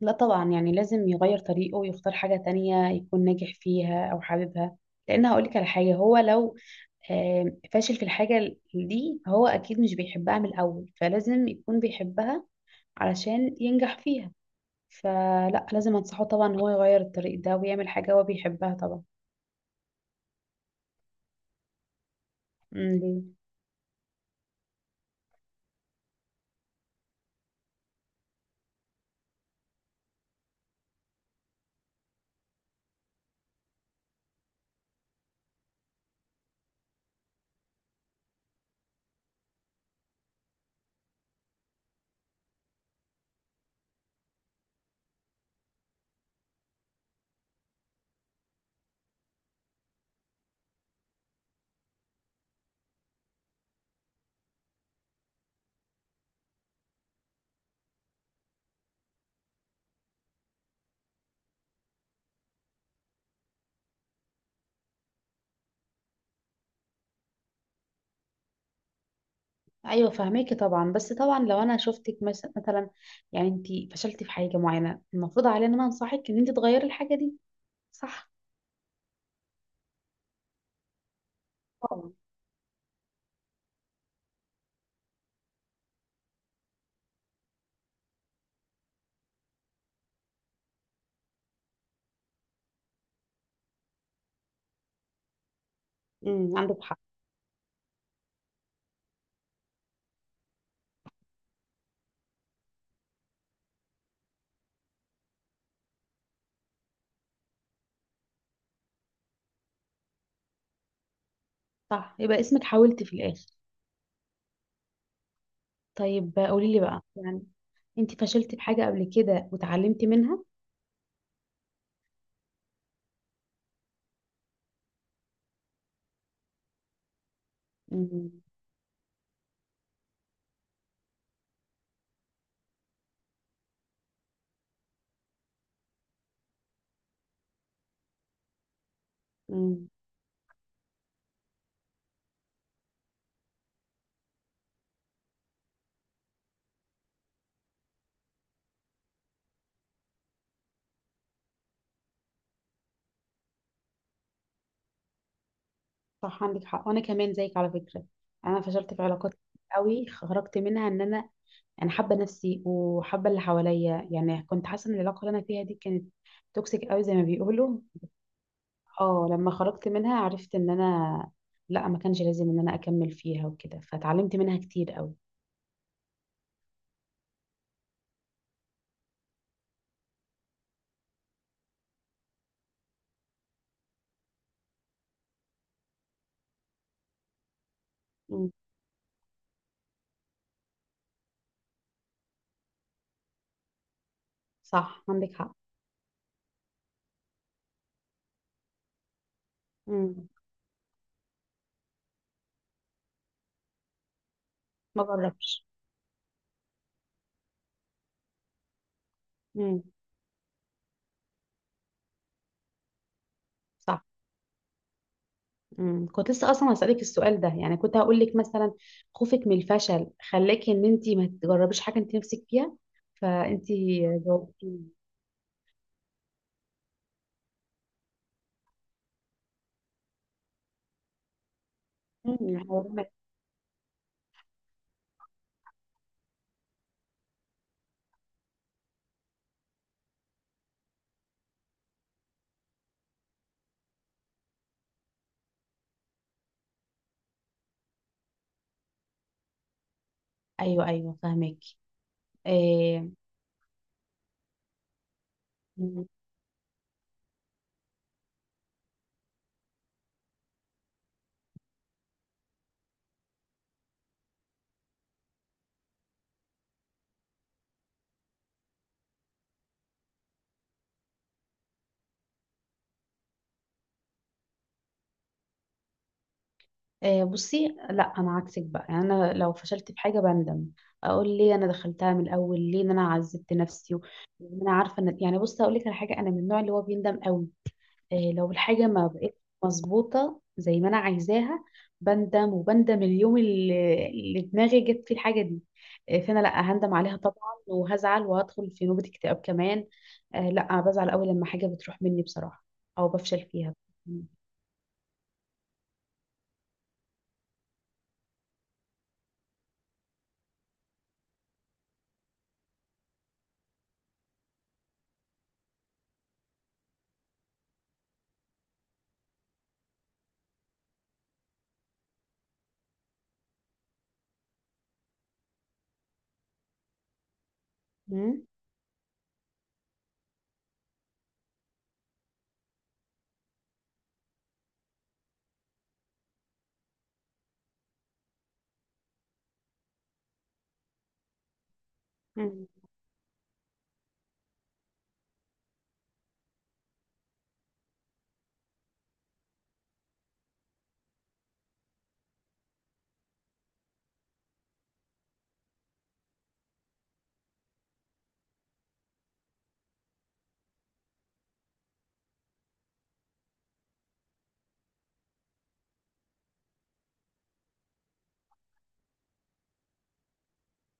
لا، طبعا يعني لازم يغير طريقه ويختار حاجة تانية يكون ناجح فيها أو حاببها، لأن هقولك على حاجة، هو لو فاشل في الحاجة دي فهو أكيد مش بيحبها من الأول، فلازم يكون بيحبها علشان ينجح فيها. فلا، لازم أنصحه طبعا إن هو يغير الطريق ده ويعمل حاجة هو بيحبها طبعا. مم. أيوة فهميكي طبعا، بس طبعا لو أنا شفتك مثلا، يعني أنت فشلتي في حاجة معينة، المفروض علينا إن أنا أنصحك إن أنت تغيري الحاجة دي، صح؟ طبعا. عندك حق. صح، يبقى اسمك حاولت في الآخر. طيب قولي لي بقى، يعني انت فشلتي في حاجة قبل كده وتعلمتي منها؟ امم. امم. صح، عندك حق. وانا كمان زيك على فكرة، انا فشلت في علاقات كتير قوي، خرجت منها ان انا حابة نفسي وحابة اللي حواليا. يعني كنت حاسة ان العلاقة اللي انا فيها دي كانت توكسيك قوي، زي ما بيقولوا. اه، لما خرجت منها عرفت ان انا، لا، ما كانش لازم ان انا اكمل فيها وكده، فتعلمت منها كتير قوي. امم. صح، عندك حق. امم. ما جربش. مم. صح. كنت لسه اصلا هسألك السؤال ده، يعني كنت هقول لك مثلا، خوفك من الفشل خلاكي ان انت ما تجربيش حاجه انت نفسك فيها، فانت جاوبتيني. هقول لك- ايوه ايوه، فاهمك. آه آه. بصي، لا انا عكسك بقى. يعني انا لو فشلت في حاجه بندم، اقول ليه انا دخلتها من الاول؟ ليه إن انا عذبت نفسي وإن انا عارفه ان، يعني بصي هقول لك على حاجه، انا من النوع اللي هو بيندم قوي. لو الحاجة ما بقتش مظبوطة زي ما أنا عايزاها، بندم وبندم اليوم اللي دماغي جت فيه الحاجة دي. فأنا لأ هندم عليها طبعا، وهزعل وهدخل في نوبة اكتئاب كمان. لأ بزعل أوي لما حاجة بتروح مني بصراحة، أو بفشل فيها. مم. مم.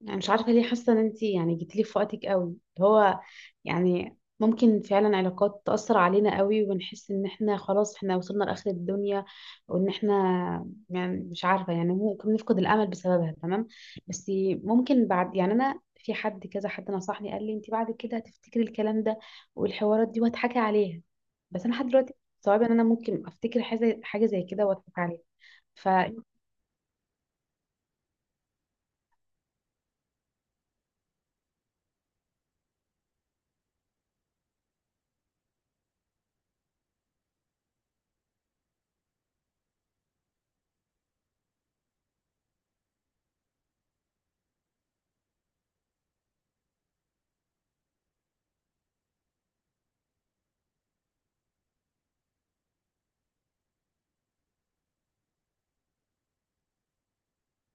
يعني مش عارفة ليه حاسة ان انتي يعني جيتيلي في وقتك قوي. هو يعني ممكن فعلا علاقات تأثر علينا قوي، ونحس ان احنا خلاص احنا وصلنا لآخر الدنيا، وان احنا، يعني مش عارفة، يعني ممكن نفقد الأمل بسببها، تمام. بس ممكن بعد، يعني انا في حد كذا، حد نصحني قال لي انتي بعد كده هتفتكري الكلام ده والحوارات دي وهتحكي عليها. بس انا لحد دلوقتي صعب ان انا ممكن افتكر حاجة زي كده واضحك عليها. ف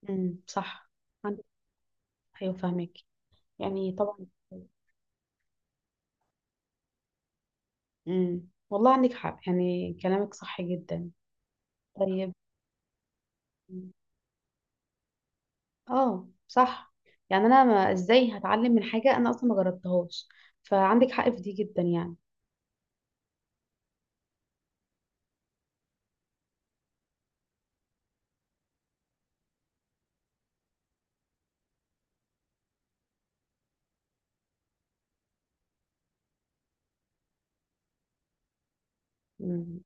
مم، صح، عندك. ايوه فاهمك، يعني طبعا. والله عندك حق، يعني كلامك صح جدا. طيب، اه، صح. يعني انا، ما ازاي هتعلم من حاجه انا اصلا ما جربتهاش؟ فعندك حق في دي جدا يعني. امم.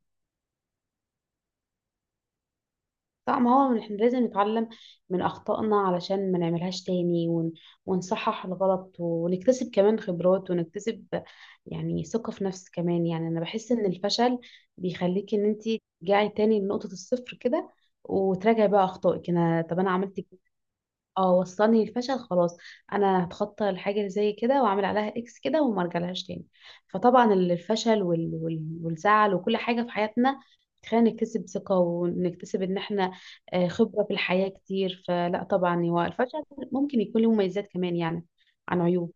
صح، ما هو احنا لازم نتعلم من اخطائنا علشان ما نعملهاش تاني، ونصحح الغلط ونكتسب كمان خبرات، ونكتسب يعني ثقه في نفس كمان. يعني انا بحس ان الفشل بيخليك ان انت ترجعي تاني لنقطه الصفر كده، وتراجعي بقى اخطائك. انا طب انا عملت، اه، وصلني للفشل خلاص، انا هتخطى الحاجه زي كده، واعمل عليها اكس كده وما ارجعلهاش تاني. فطبعا الفشل والزعل وكل حاجه في حياتنا، خلينا نكتسب ثقه، ونكتسب ان احنا خبره في الحياه كتير. فلا طبعا هو الفشل ممكن يكون له مميزات كمان، يعني عن عيوب.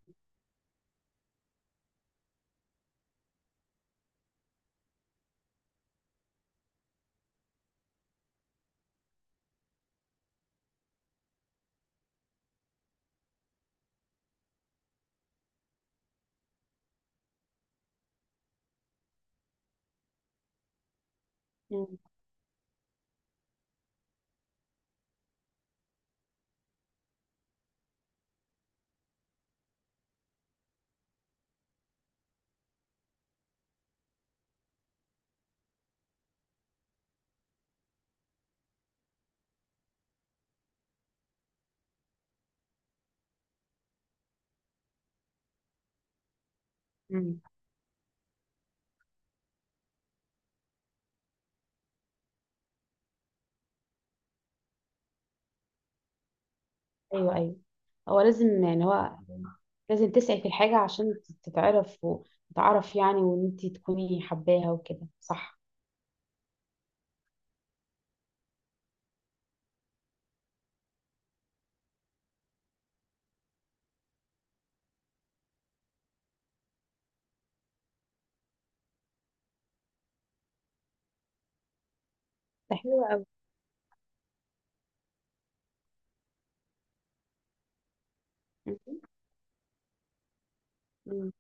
مم. مم. ايوه ايوه، هو لازم، يعني هو لازم تسعي في الحاجه عشان تتعرف وتعرف، يعني وان انت تكوني حباها وكده، صح. ده حلو قوي. مم.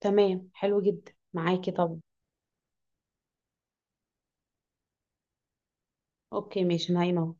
تمام، حلو جدا معاكي. طب، اوكي، ماشي، نايمة أهو.